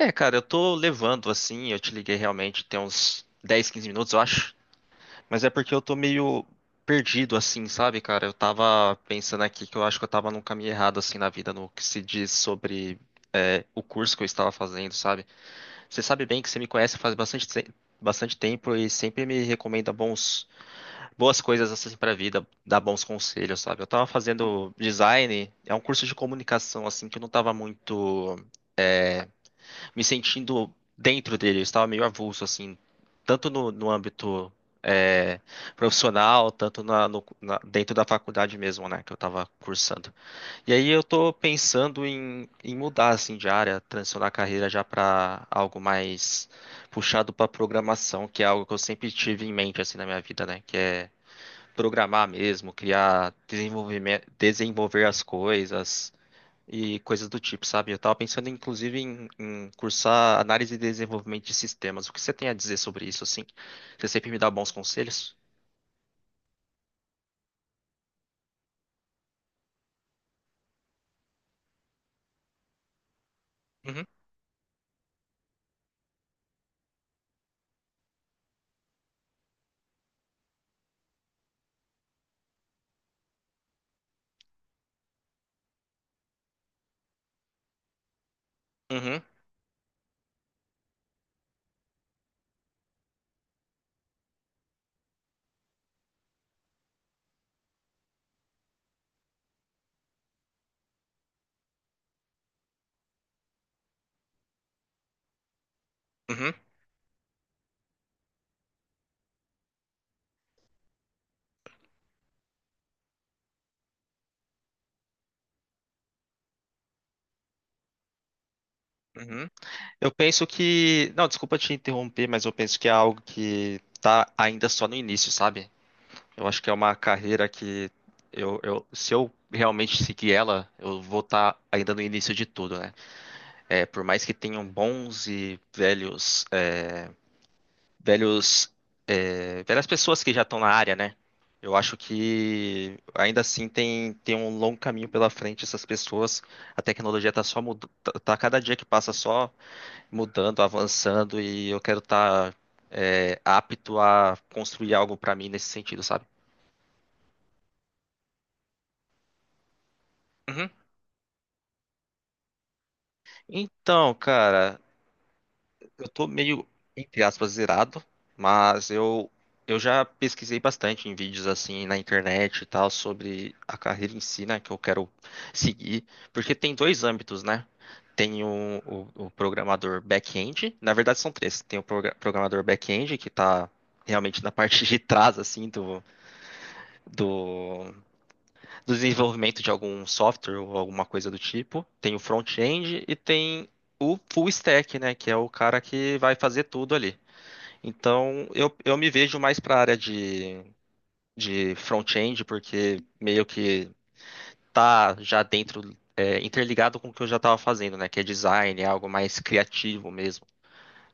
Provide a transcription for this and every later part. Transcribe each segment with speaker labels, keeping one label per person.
Speaker 1: É, cara, eu tô levando assim, eu te liguei realmente tem uns 10, 15 minutos, eu acho. Mas é porque eu tô meio perdido assim, sabe, cara? Eu tava pensando aqui que eu acho que eu tava num caminho errado assim na vida, no que se diz sobre o curso que eu estava fazendo, sabe? Você sabe bem que você me conhece faz bastante tempo e sempre me recomenda boas coisas assim pra vida, dá bons conselhos, sabe? Eu tava fazendo design, é um curso de comunicação assim que eu não tava muito me sentindo dentro dele, eu estava meio avulso, assim, tanto no âmbito é, profissional, tanto na, no- na- dentro da faculdade mesmo, né, que eu estava cursando. E aí eu tô pensando em mudar, assim, de área, transicionar a carreira já para algo mais puxado para programação, que é algo que eu sempre tive em mente, assim, na minha vida, né, que é programar mesmo, criar, desenvolvimento, desenvolver as coisas, e coisas do tipo, sabe? Eu tava pensando, inclusive, em cursar análise e desenvolvimento de sistemas. O que você tem a dizer sobre isso, assim? Você sempre me dá bons conselhos? Uhum, uhum, uhum, uhum. Eu penso que. Não, desculpa te interromper, mas eu penso que é algo que tá ainda só no início, sabe? Eu acho que é uma carreira que se eu realmente seguir ela, eu vou estar ainda no início de tudo, né? É, por mais que tenham bons e velhos pelas pessoas que já estão na área, né? Eu acho que ainda assim tem um longo caminho pela frente essas pessoas. A tecnologia está só mudando, tá cada dia que passa só mudando, avançando e eu quero estar apto a construir algo para mim nesse sentido, sabe? Uhum. Então, cara, eu tô meio, entre aspas, zerado, mas eu, eu já pesquisei bastante em vídeos assim na internet e tal sobre a carreira em si, né, que eu quero seguir, porque tem dois âmbitos, né? Tem o programador back-end, na verdade são três. Tem o programador back-end, que tá realmente na parte de trás, assim, do, do desenvolvimento de algum software ou alguma coisa do tipo. Tem o front-end e tem o full stack, né, que é o cara que vai fazer tudo ali. Então, eu me vejo mais para a área de front-end, porque meio que tá já dentro, é, interligado com o que eu já estava fazendo, né? Que é design, é algo mais criativo mesmo,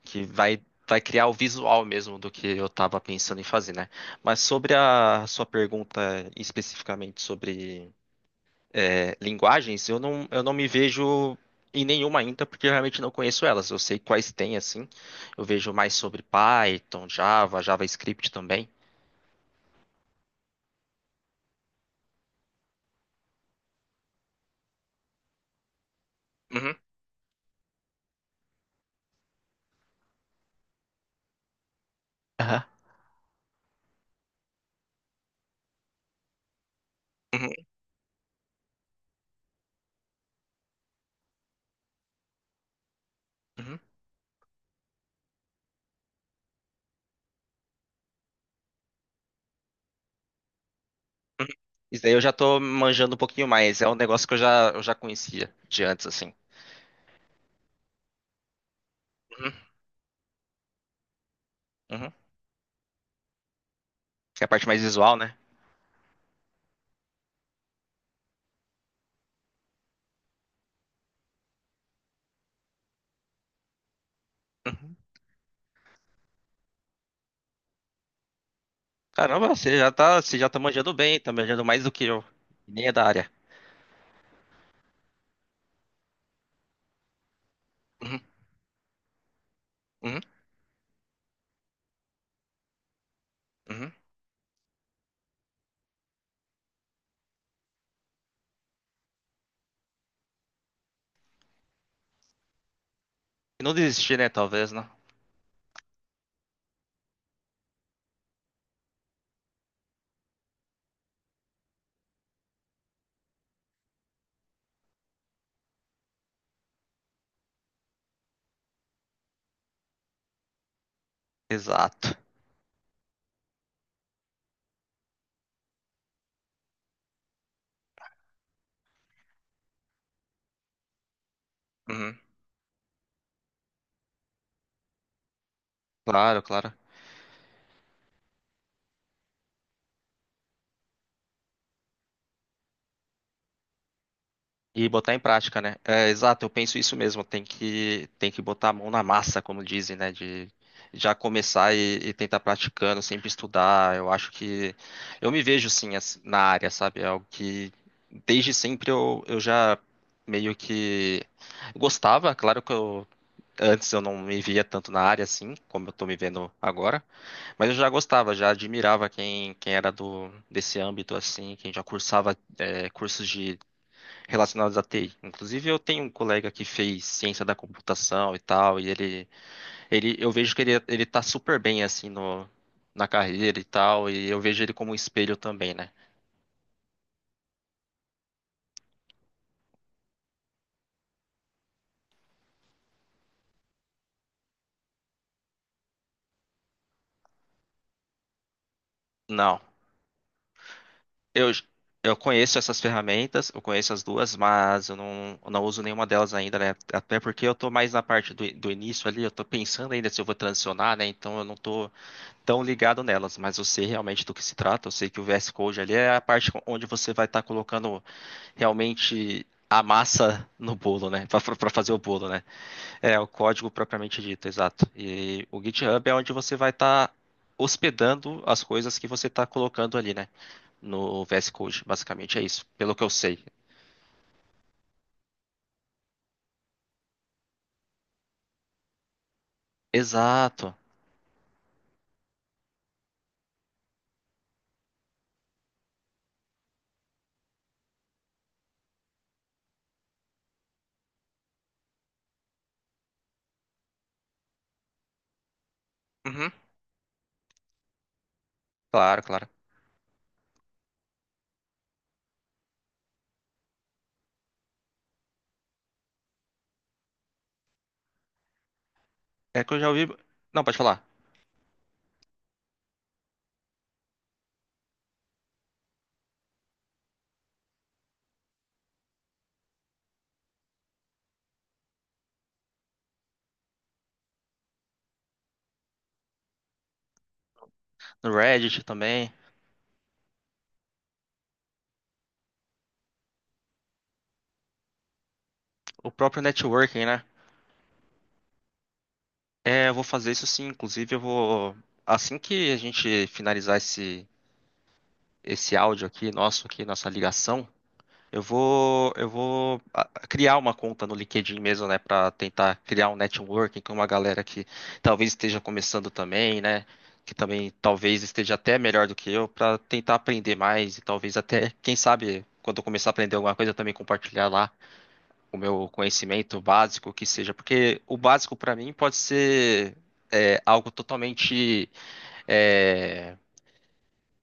Speaker 1: que vai criar o visual mesmo do que eu estava pensando em fazer, né? Mas sobre a sua pergunta especificamente sobre linguagens, eu não me vejo em nenhuma ainda, porque eu realmente não conheço elas. Eu sei quais tem, assim. Eu vejo mais sobre Python, Java, JavaScript também. Uhum, aham. Uhum, uhum, uhum. Isso daí eu já tô manjando um pouquinho mais. É um negócio que eu já conhecia de antes, assim. Uhum, uhum. Que é a parte mais visual, né? Uhum. Caramba, você já tá manjando bem, tá manjando mais do que eu. E nem é da área. Uhum, uhum, uhum. E não desistir, né? Talvez, né? Exato. Uhum. Claro, claro. E botar em prática, né? É, exato, eu penso isso mesmo. Tem que botar a mão na massa, como dizem, né? De já começar e tentar praticando, sempre estudar. Eu acho que eu me vejo na área, sabe? É algo que desde sempre eu já meio que gostava. Claro que eu antes eu não me via tanto na área assim, como eu tô me vendo agora, mas eu já gostava, já admirava quem era do desse âmbito assim, quem já cursava cursos de relacionados à TI. Inclusive, eu tenho um colega que fez ciência da computação e tal, ele eu vejo que ele tá super bem assim no, na carreira e tal, e eu vejo ele como um espelho também, né? Não, eu, eu conheço essas ferramentas, eu conheço as duas, mas eu não uso nenhuma delas ainda, né? Até porque eu tô mais na parte do início ali, eu tô pensando ainda se eu vou transicionar, né? Então eu não tô tão ligado nelas, mas eu sei realmente do que se trata, eu sei que o VS Code ali é a parte onde você vai estar colocando realmente a massa no bolo, né? Para fazer o bolo, né? É o código propriamente dito, exato. E o GitHub é onde você vai estar hospedando as coisas que você está colocando ali, né? No VS Code, basicamente é isso, pelo que eu sei. Exato. Uhum. Claro, claro. É que eu já ouvi. Não, pode falar. No Reddit também. O próprio networking, né? É, eu vou fazer isso sim. Inclusive, eu vou. Assim que a gente finalizar esse áudio aqui, nosso aqui, nossa ligação, eu vou, eu vou criar uma conta no LinkedIn mesmo, né, para tentar criar um networking com uma galera que talvez esteja começando também, né, que também talvez esteja até melhor do que eu, para tentar aprender mais e talvez até, quem sabe, quando eu começar a aprender alguma coisa, eu também compartilhar lá o meu conhecimento básico, que seja, porque o básico para mim pode ser algo totalmente é,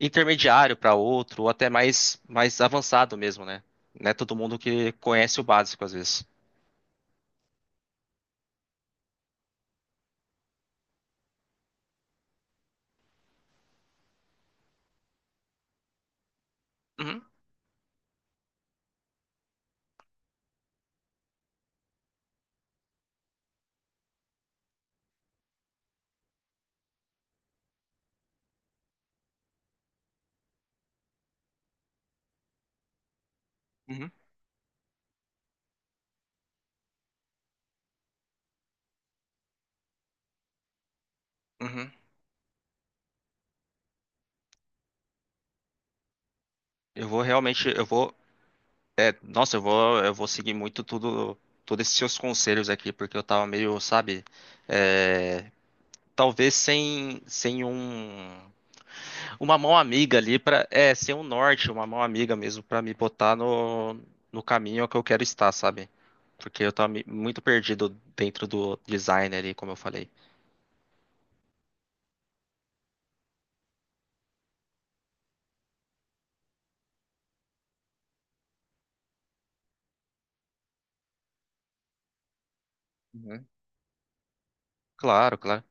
Speaker 1: intermediário para outro, ou até mais, mais avançado mesmo, né? Não é todo mundo que conhece o básico às vezes. Uhum, uhum, uhum. Eu vou realmente, eu vou, eu vou seguir muito tudo, todos esses seus conselhos aqui, porque eu tava meio, sabe, é, talvez sem um, uma mão amiga ali para, é, sem um norte, uma mão amiga mesmo para me botar no, no caminho que eu quero estar, sabe? Porque eu tava muito perdido dentro do design ali, como eu falei. Uhum. Claro, claro.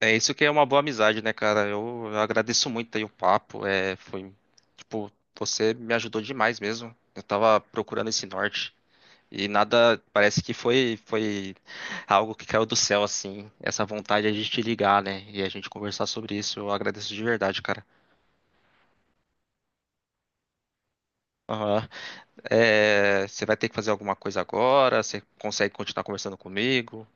Speaker 1: É isso que é uma boa amizade, né, cara? Eu agradeço muito aí o papo. É, foi, tipo, você me ajudou demais mesmo. Eu tava procurando esse norte e nada, parece que foi algo que caiu do céu, assim. Essa vontade de a gente ligar, né? E a gente conversar sobre isso. Eu agradeço de verdade, cara. Aham. É, você vai ter que fazer alguma coisa agora? Você consegue continuar conversando comigo?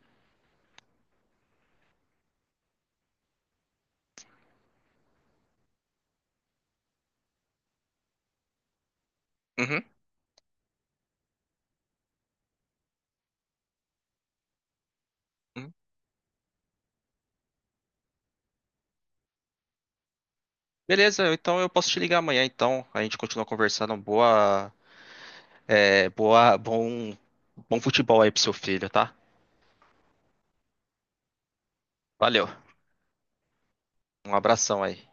Speaker 1: Uhum. Uhum. Beleza, então eu posso te ligar amanhã, então. A gente continua conversando. Boa. É, bom, bom futebol aí pro seu filho, tá? Valeu. Um abração aí.